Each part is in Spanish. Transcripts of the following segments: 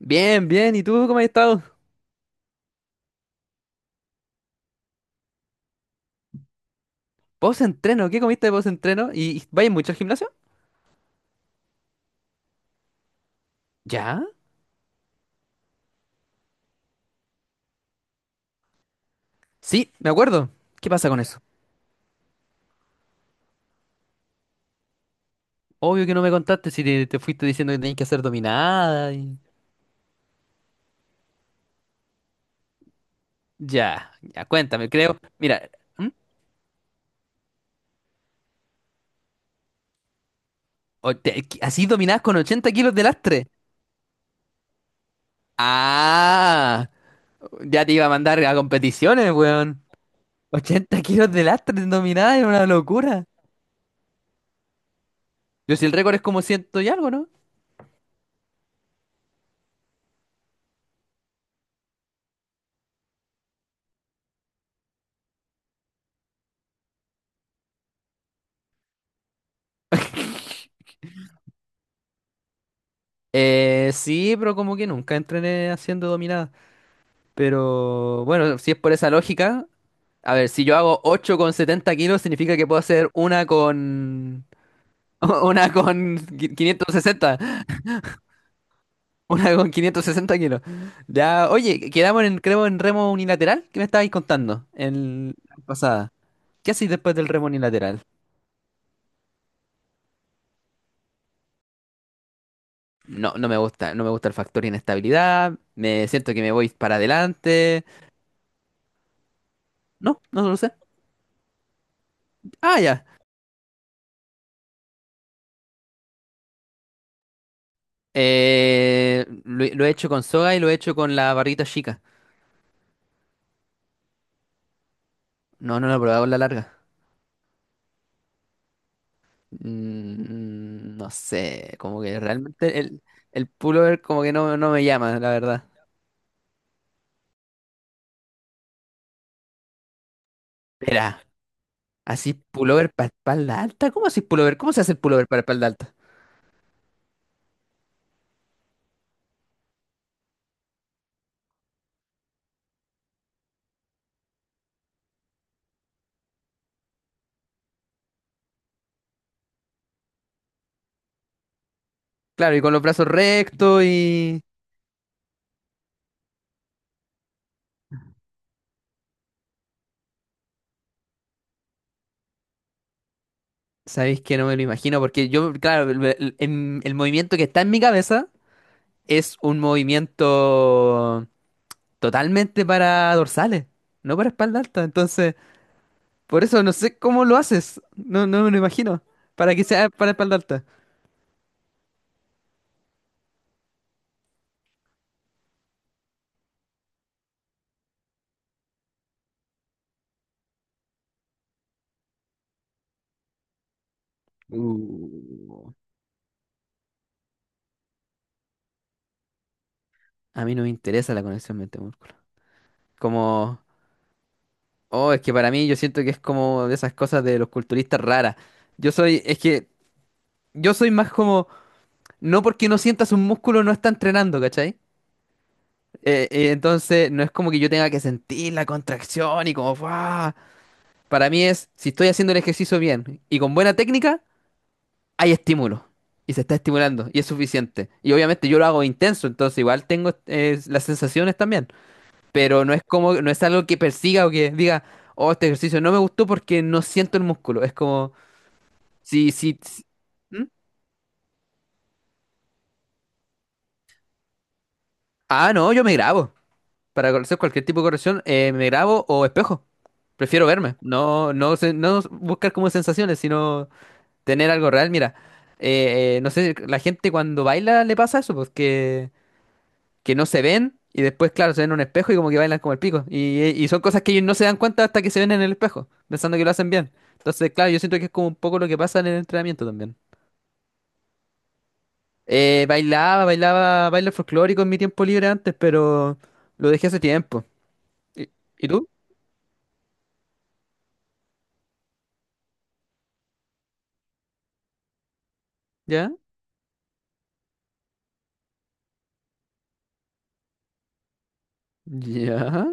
Bien, bien. ¿Y tú cómo has estado? Post-entreno. ¿Qué comiste de post-entreno? ¿Y vayas mucho al gimnasio? ¿Ya? Sí, me acuerdo. ¿Qué pasa con eso? Obvio que no me contaste si te fuiste diciendo que tenías que hacer dominada y... Ya, ya, cuéntame, creo. Mira, ¿hmm? O te- Así dominadas con 80 kilos de lastre. Ah, ya te iba a mandar a competiciones, weón. 80 kilos de lastre en dominada es una locura. Yo si el récord es como ciento y algo, ¿no? Sí, pero como que nunca entrené haciendo dominada. Pero bueno, si es por esa lógica, a ver, si yo hago 8 con 70 kilos, significa que puedo hacer una con... 560. Una con 560 kilos. Ya, oye, quedamos en, creo, en remo unilateral. ¿Qué me estabais contando en la pasada? ¿Qué hacéis después del remo unilateral? No, no me gusta, no me gusta el factor inestabilidad. Me siento que me voy para adelante. No, no lo sé. Ah, ya. Lo he hecho con soga y lo he hecho con la barrita chica. No, no lo he probado con la larga. No sé, como que realmente el pullover como que no, no me llama, la verdad. Espera, ¿así pullover para espalda alta? ¿Cómo así pullover? ¿Cómo se hace el pullover para espalda alta? Claro, y con los brazos rectos y... ¿Sabéis que no me lo imagino? Porque yo, claro, el movimiento que está en mi cabeza es un movimiento totalmente para dorsales, no para espalda alta. Entonces... Por eso no sé cómo lo haces. No, no me lo imagino. Para que sea para espalda alta. Uh, a mí no me interesa la conexión mente-músculo. Como, oh, es que para mí yo siento que es como de esas cosas de los culturistas raras. Yo soy, es que yo soy más como, no porque no sientas un músculo no está entrenando, ¿cachai? Entonces no es como que yo tenga que sentir la contracción y como, ¡guau! Para mí es, si estoy haciendo el ejercicio bien y con buena técnica, hay estímulo y se está estimulando y es suficiente. Y obviamente yo lo hago intenso, entonces igual tengo las sensaciones también, pero no es como, no es algo que persiga o que diga, oh, este ejercicio no me gustó porque no siento el músculo. Es como, si. ¿Mm? Ah, no, yo me grabo. Para hacer cualquier tipo de corrección, me grabo o espejo. Prefiero verme, no, no, no buscar como sensaciones, sino tener algo real. Mira, no sé, la gente cuando baila le pasa eso, porque que no se ven y después, claro, se ven en un espejo y como que bailan como el pico. Y son cosas que ellos no se dan cuenta hasta que se ven en el espejo, pensando que lo hacen bien. Entonces, claro, yo siento que es como un poco lo que pasa en el entrenamiento también. Bailaba, bailaba, baile folclórico en mi tiempo libre antes, pero lo dejé hace tiempo. ¿Y, y tú? ¿Ya? ¿Ya?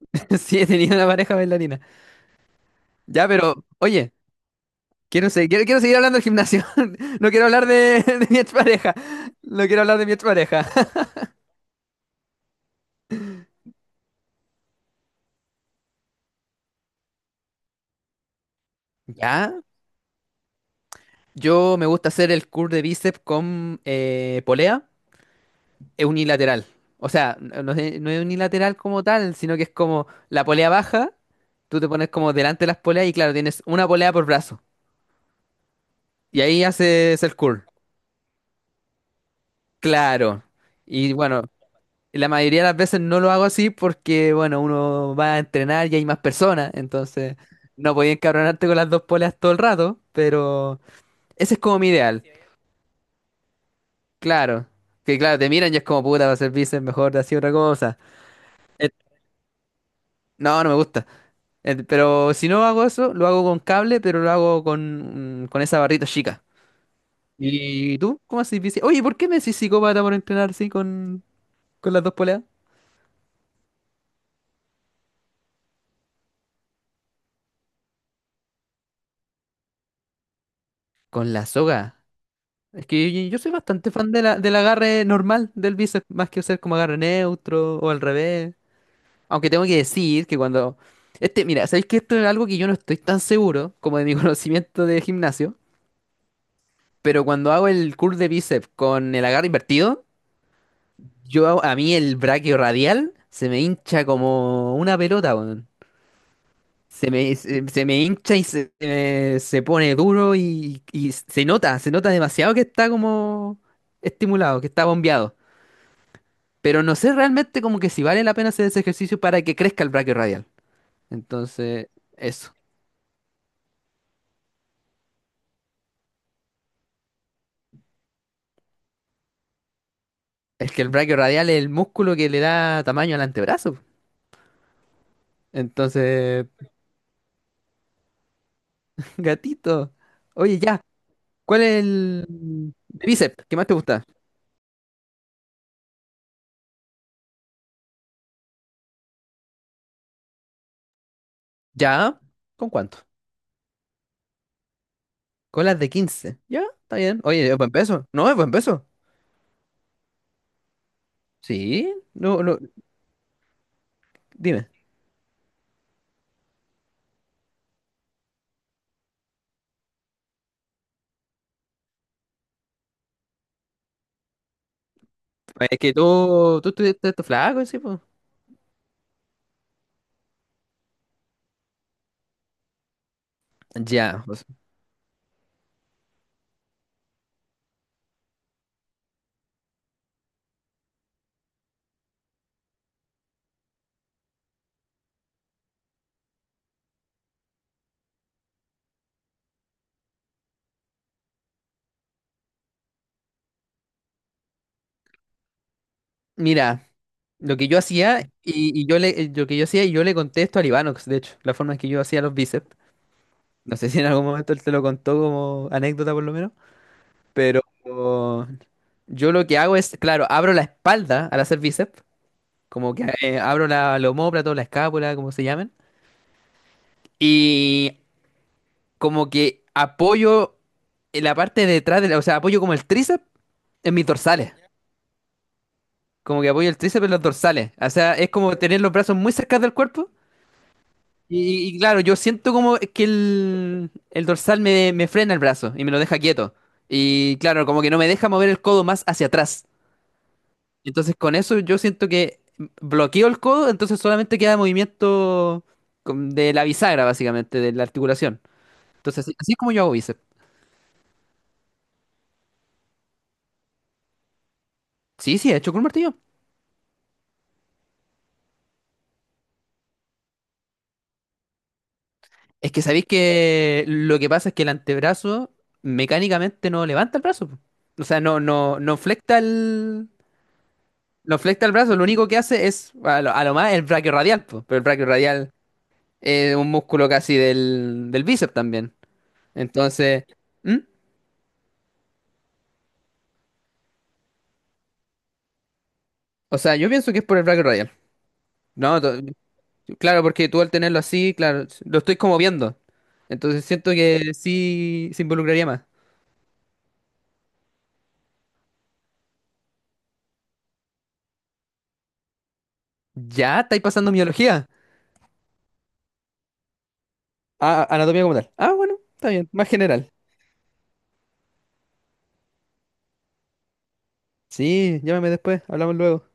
Sí, he tenido una pareja bailarina. Ya, pero, oye, quiero seguir hablando del gimnasio. No quiero hablar de, de mi expareja. No quiero hablar de mi expareja. ¿Ya? Yo me gusta hacer el curl de bíceps con polea es unilateral. O sea, no es unilateral como tal, sino que es como la polea baja, tú te pones como delante de las poleas y claro, tienes una polea por brazo. Y ahí haces el curl. Claro. Y bueno, la mayoría de las veces no lo hago así porque, bueno, uno va a entrenar y hay más personas, entonces no podía encabronarte con las dos poleas todo el rato, pero ese es como mi ideal. Claro, que claro, te miran y es como puta, va a ser bíceps, mejor de así otra cosa. Eh, no, no me gusta. Pero si no hago eso, lo hago con cable, pero lo hago con, con esa barrita chica. ¿Y tú? ¿Cómo haces bíceps? Oye, ¿por qué me decís psicópata por entrenar así con las dos poleas? Con la soga. Es que yo soy bastante fan de la, del agarre normal del bíceps, más que hacer como agarre neutro o al revés. Aunque tengo que decir que cuando... Este, mira, ¿sabéis que esto es algo que yo no estoy tan seguro como de mi conocimiento de gimnasio? Pero cuando hago el curl de bíceps con el agarre invertido, a mí el braquio radial se me hincha como una pelota, weón. Se me hincha y se pone duro y se nota demasiado que está como estimulado, que está bombeado. Pero no sé realmente como que si vale la pena hacer ese ejercicio para que crezca el braquio radial. Entonces, eso. Es que el braquio radial es el músculo que le da tamaño al antebrazo. Entonces, gatito. Oye, ya. ¿Cuál es el de bíceps que más te gusta? ¿Ya? ¿Con cuánto? Colas de 15. ¿Ya? Está bien. Oye, es buen peso. No, es buen peso. Sí. No, no. Dime. Es que tú estuviste todo flaco, sí, pues. Ya, pues, mira, lo que yo hacía y lo que yo hacía y yo le contesto a Libanox, de hecho, la forma en que yo hacía los bíceps. No sé si en algún momento él te lo contó como anécdota por lo menos, pero yo lo que hago es, claro, abro la espalda al hacer bíceps. Como que abro la omóplata o la escápula, como se llamen. Y como que apoyo en la parte de atrás, o sea, apoyo como el tríceps en mis dorsales. Como que apoyo el tríceps en los dorsales. O sea, es como tener los brazos muy cerca del cuerpo. Y claro, yo siento como que el dorsal me frena el brazo y me lo deja quieto. Y claro, como que no me deja mover el codo más hacia atrás. Entonces con eso yo siento que bloqueo el codo, entonces solamente queda movimiento de la bisagra, básicamente, de la articulación. Entonces así, así es como yo hago bíceps. Sí, sí, he hecho con un martillo. Es que sabéis que lo que pasa es que el antebrazo mecánicamente no levanta el brazo, po. O sea, no, no, no flecta el, no flecta el brazo, lo único que hace es a lo más el brachiorradial, po. Pero el brachiorradial es un músculo casi del bíceps también. Entonces, ¿Mm? O sea, yo pienso que es por el brachiorradial. No, claro, porque tú al tenerlo así, claro, lo estoy como viendo. Entonces siento que sí se involucraría más. Ya, estáis pasando biología. Ah, anatomía como tal. Ah, bueno, está bien, más general. Sí, llámame después, hablamos luego.